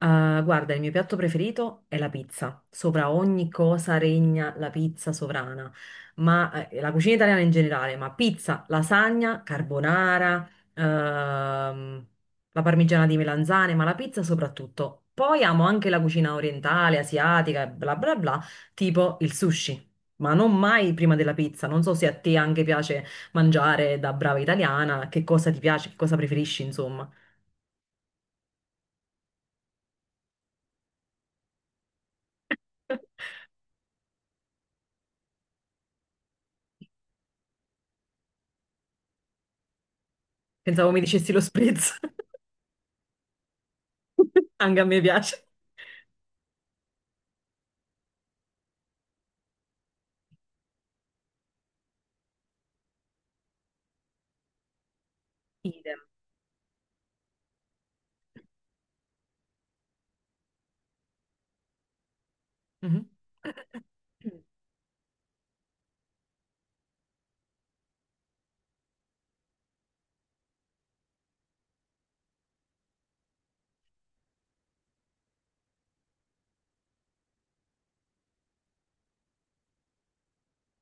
Ah, guarda, il mio piatto preferito è la pizza. Sopra ogni cosa regna la pizza sovrana, ma la cucina italiana in generale, ma pizza, lasagna, carbonara, ehm, la parmigiana di melanzane, ma la pizza soprattutto. Poi amo anche la cucina orientale, asiatica, e bla bla bla, tipo il sushi. Ma non mai prima della pizza. Non so se a te anche piace mangiare da brava italiana, che cosa ti piace, che cosa preferisci, insomma. Pensavo mi dicessi lo spritz, anche a me piace. Idem. Mhm.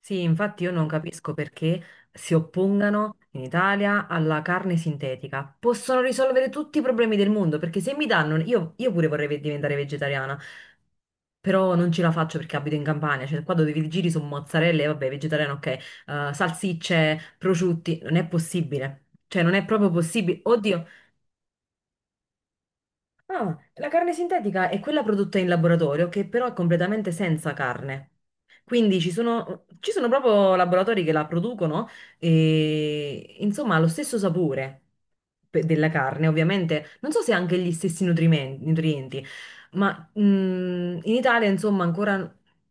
Sì, infatti io non capisco perché si oppongano in Italia alla carne sintetica. Possono risolvere tutti i problemi del mondo, perché se mi danno, io pure vorrei diventare vegetariana, però non ce la faccio perché abito in Campania, cioè qua dove vi giri su mozzarella, e vabbè, vegetariano ok, salsicce, prosciutti, non è possibile. Cioè non è proprio possibile. Oddio, ah, la carne sintetica è quella prodotta in laboratorio che però è completamente senza carne. Quindi ci sono proprio laboratori che la producono e insomma ha lo stesso sapore della carne, ovviamente. Non so se ha anche gli stessi nutrienti, ma in Italia insomma ancora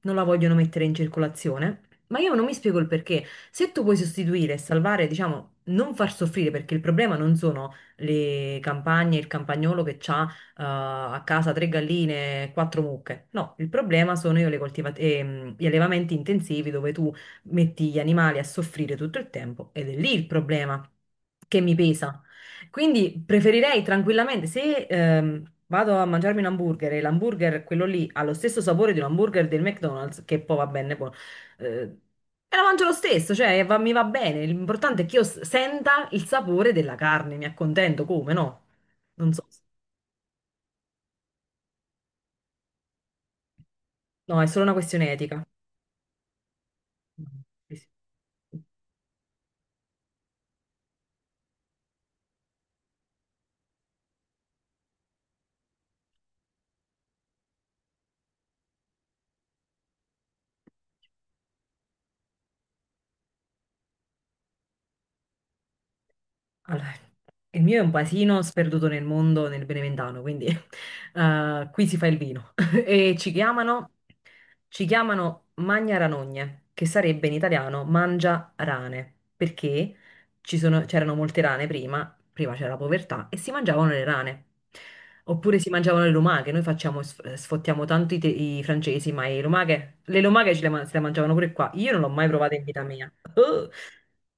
non la vogliono mettere in circolazione. Ma io non mi spiego il perché. Se tu puoi sostituire e salvare, diciamo, non far soffrire, perché il problema non sono le campagne, il campagnolo che ha a casa tre galline, quattro mucche. No, il problema sono io gli allevamenti intensivi dove tu metti gli animali a soffrire tutto il tempo ed è lì il problema che mi pesa. Quindi preferirei tranquillamente, se vado a mangiarmi un hamburger e l'hamburger, quello lì, ha lo stesso sapore di un hamburger del McDonald's, che poi va bene, poi, eh, e la mangio lo stesso, cioè mi va bene. L'importante è che io senta il sapore della carne, mi accontento come, no? Non so. No, è solo una questione etica. Sì, sì. Allora, il mio è un paesino sperduto nel mondo, nel Beneventano, quindi qui si fa il vino. E ci chiamano Magna Ranogne, che sarebbe in italiano mangia rane, perché c'erano molte rane prima, prima c'era la povertà, e si mangiavano le rane. Oppure si mangiavano le lumache, noi facciamo, sfottiamo tanto i francesi, ma le lumache ce le, se le mangiavano pure qua. Io non l'ho mai provata in vita mia.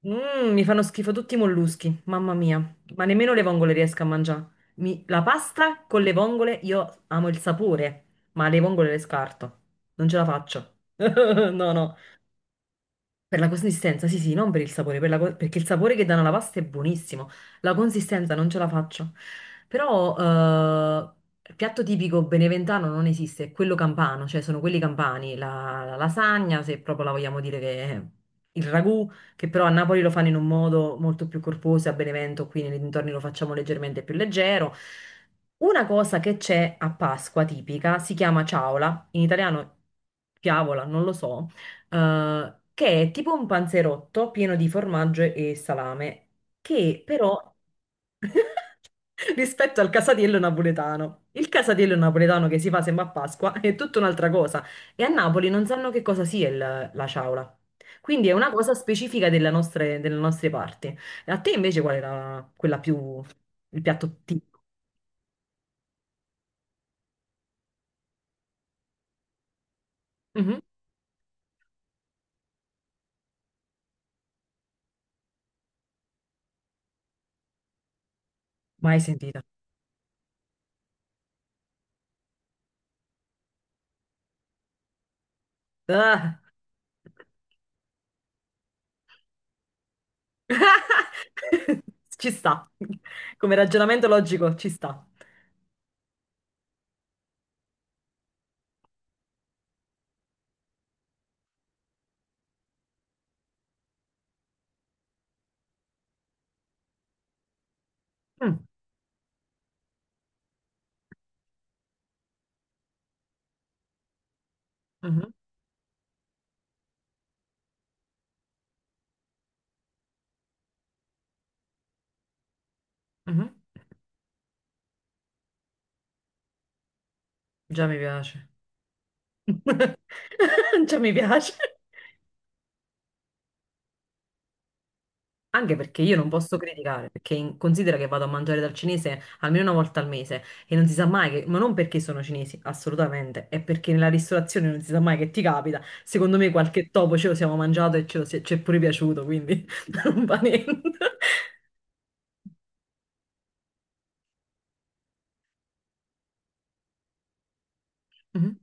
Mi fanno schifo tutti i molluschi, mamma mia. Ma nemmeno le vongole riesco a mangiare. La pasta con le vongole, io amo il sapore, ma le vongole le scarto. Non ce la faccio. No, no. Per la consistenza, sì, sì, non per il sapore, perché il sapore che danno alla pasta è buonissimo, la consistenza non ce la faccio. Però il piatto tipico beneventano non esiste, è quello campano, cioè sono quelli campani, la lasagna, se proprio la vogliamo dire che è il ragù, che però a Napoli lo fanno in un modo molto più corposo, a Benevento qui nei dintorni lo facciamo leggermente più leggero. Una cosa che c'è a Pasqua tipica si chiama ciaola, in italiano Piavola, non lo so, che è tipo un panzerotto pieno di formaggio e salame, che però rispetto al casatiello napoletano. Il casatiello napoletano che si fa sempre a Pasqua è tutta un'altra cosa e a Napoli non sanno che cosa sia la ciaula. Quindi è una cosa specifica della delle nostre parti. A te invece qual era quella più il piatto tipo? Mhm. Mai sentita. Ah. Ci sta. Come ragionamento logico, ci sta. Mm. Mhm. Già mi piace. Già mi piace. Anche perché io non posso criticare, perché considera che vado a mangiare dal cinese almeno una volta al mese e non si sa mai che, ma non perché sono cinesi, assolutamente, è perché nella ristorazione non si sa mai che ti capita. Secondo me qualche topo ce lo siamo mangiato e ce lo si ci è pure piaciuto, quindi non va niente. Mhm.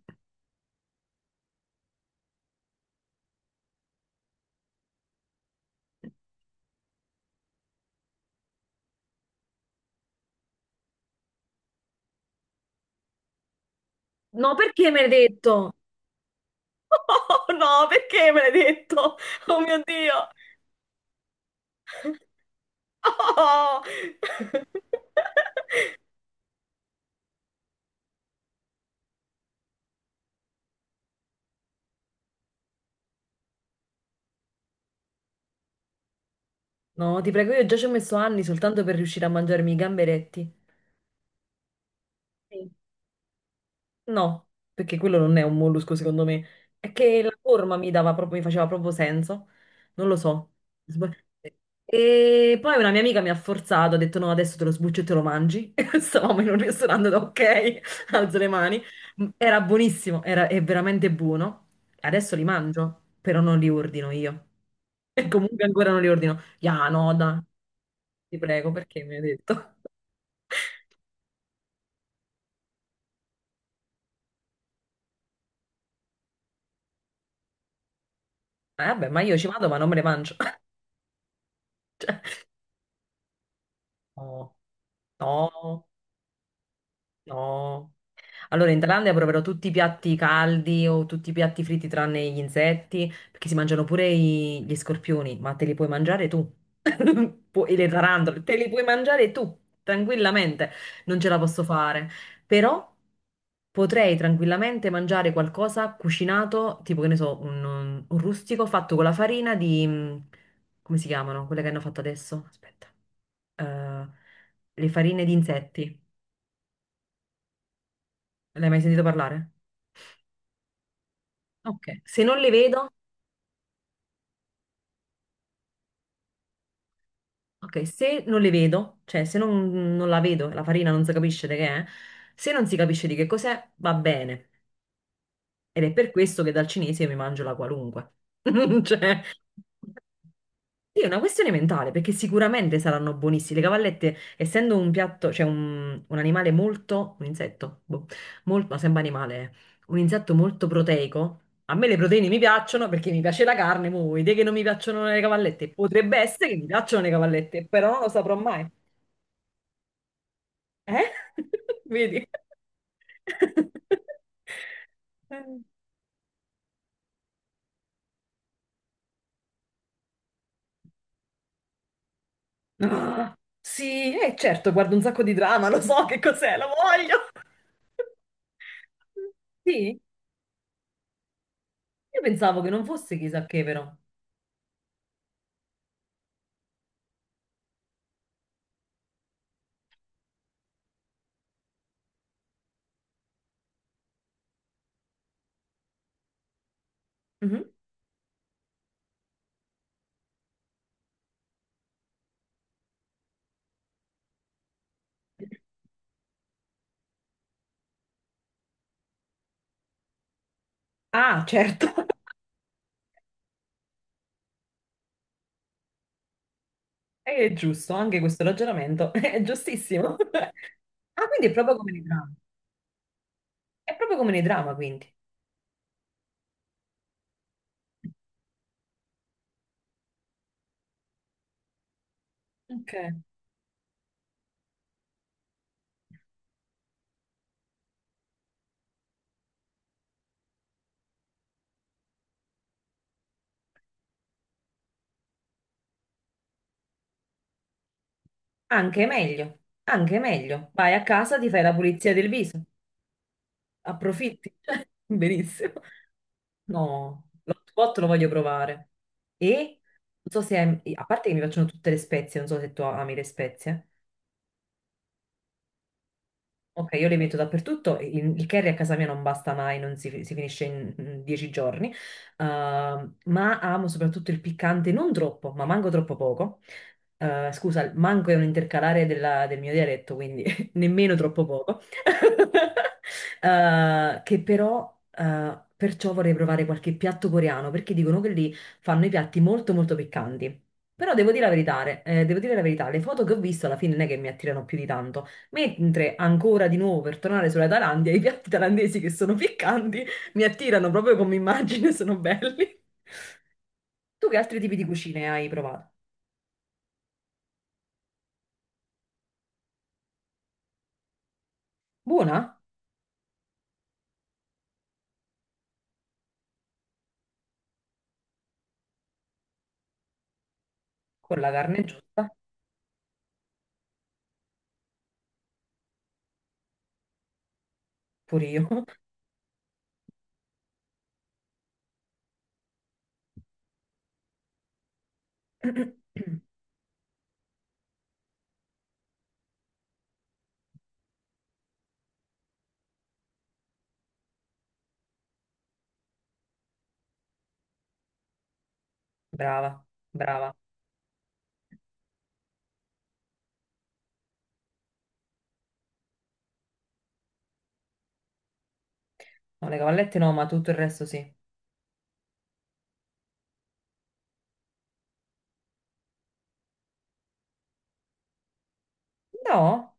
No, perché me l'hai detto? Oh no, perché me l'hai detto? Oh mio Dio! Oh! No, ti prego, io già ci ho messo anni soltanto per riuscire a mangiarmi i gamberetti. Sì. No, perché quello non è un mollusco secondo me. È che la forma mi dava proprio, mi faceva proprio senso. Non lo so. Sb- E poi una mia amica mi ha forzato, ha detto no, adesso te lo sbuccio e te lo mangi. E stavamo in un ristorante, ho detto, ok, alzo le mani. Era buonissimo, era, è veramente buono. Adesso li mangio, però non li ordino io. E comunque ancora non li ordino. Ya, no, dai, ti prego, perché mi hai detto? Vabbè, ma io ci vado, ma non me le mangio. Oh, oh, oh, allora, in Thailandia proverò tutti i piatti caldi o tutti i piatti fritti tranne gli insetti, perché si mangiano pure gli scorpioni, ma te li puoi mangiare tu. E le tarantole, te li puoi mangiare tu, tranquillamente. Non ce la posso fare. Però potrei tranquillamente mangiare qualcosa cucinato, tipo che ne so, un rustico fatto con la farina di... come si chiamano? Quelle che hanno fatto adesso? Aspetta. Eh, le farine di insetti. L'hai mai sentito parlare? Ok, se non le vedo, ok, se non le vedo, cioè se non, non la vedo, la farina non si capisce di che è, se non si capisce di che cos'è, va bene. Ed è per questo che dal cinese mi mangio la qualunque. Cioè, sì, è una questione mentale, perché sicuramente saranno buonissime. Le cavallette, essendo un piatto, cioè un animale molto, un insetto, boh, molto, ma sembra animale, eh. Un insetto molto proteico. A me le proteine mi piacciono perché mi piace la carne, mo, vuoi dire che non mi piacciono le cavallette? Potrebbe essere che mi piacciono le cavallette, però non lo saprò mai. Eh? Vedi? Ah, sì, certo, guardo un sacco di drama, lo so che cos'è, lo voglio. Sì, io pensavo che non fosse chissà che, però. Mhm. Ah, certo. È giusto, anche questo ragionamento è giustissimo. Ah, quindi è proprio come nei drama. È proprio come nei drama, quindi. Ok. Anche meglio, anche meglio. Vai a casa, ti fai la pulizia del viso, approfitti. Benissimo. No, l'hotpot lo voglio provare. E non so se, a parte che mi piacciono tutte le spezie, non so se tu ami le spezie. Ok, io le metto dappertutto, il curry a casa mia non basta mai, non si, si finisce in 10 giorni. Ma amo soprattutto il piccante, non troppo, ma manco troppo poco. Scusa, il manco è un intercalare del mio dialetto, quindi nemmeno troppo poco. Che però, perciò vorrei provare qualche piatto coreano, perché dicono che lì fanno i piatti molto molto piccanti. Però devo dire la verità, devo dire la verità, le foto che ho visto alla fine non è che mi attirano più di tanto. Mentre ancora di nuovo per tornare sulla Thailandia, i piatti thailandesi che sono piccanti mi attirano proprio come immagine, sono belli. Tu che altri tipi di cucine hai provato? Buona? Con la carne giusta? Pure io. Brava, brava. No, le cavallette no, ma tutto il resto sì. No?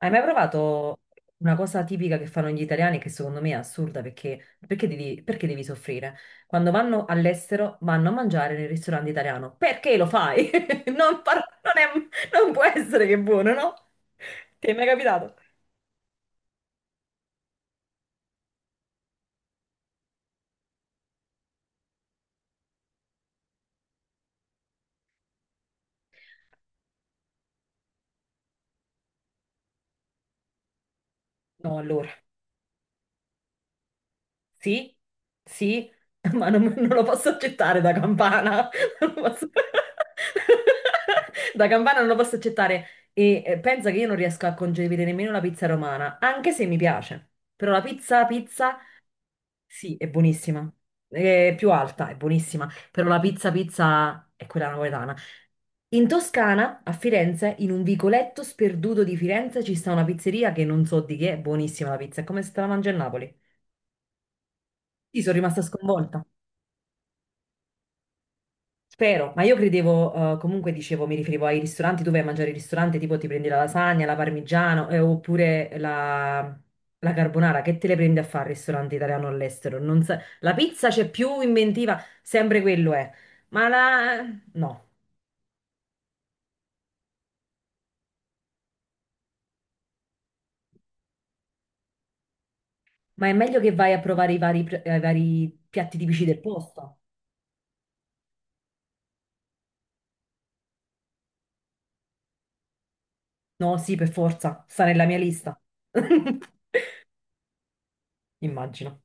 Hai mai provato una cosa tipica che fanno gli italiani che secondo me è assurda perché, perché devi soffrire? Quando vanno all'estero vanno a mangiare nel ristorante italiano. Perché lo fai? Non può essere che è buono, no? Ti è mai capitato? No, allora. Sì, sì, ma non, non lo posso accettare da campana. Non lo posso- Da campana non lo posso accettare. E pensa che io non riesco a concepire nemmeno la pizza romana, anche se mi piace. Però la pizza, pizza, sì, è buonissima. È più alta, è buonissima. Però la pizza, pizza è quella napoletana. In Toscana, a Firenze, in un vicoletto sperduto di Firenze, ci sta una pizzeria che non so di che, è buonissima la pizza. È come se te la mangi a Napoli. Io sono rimasta sconvolta. Spero, ma io credevo, comunque dicevo, mi riferivo ai ristoranti dove vai a mangiare il ristorante, tipo ti prendi la lasagna, la parmigiano, oppure la carbonara, che te le prendi a fare al ristorante italiano all'estero? Non sa- La pizza c'è più inventiva, sempre quello è, ma la... no, ma è meglio che vai a provare i vari piatti tipici del posto. No, sì, per forza, sta nella mia lista. Immagino.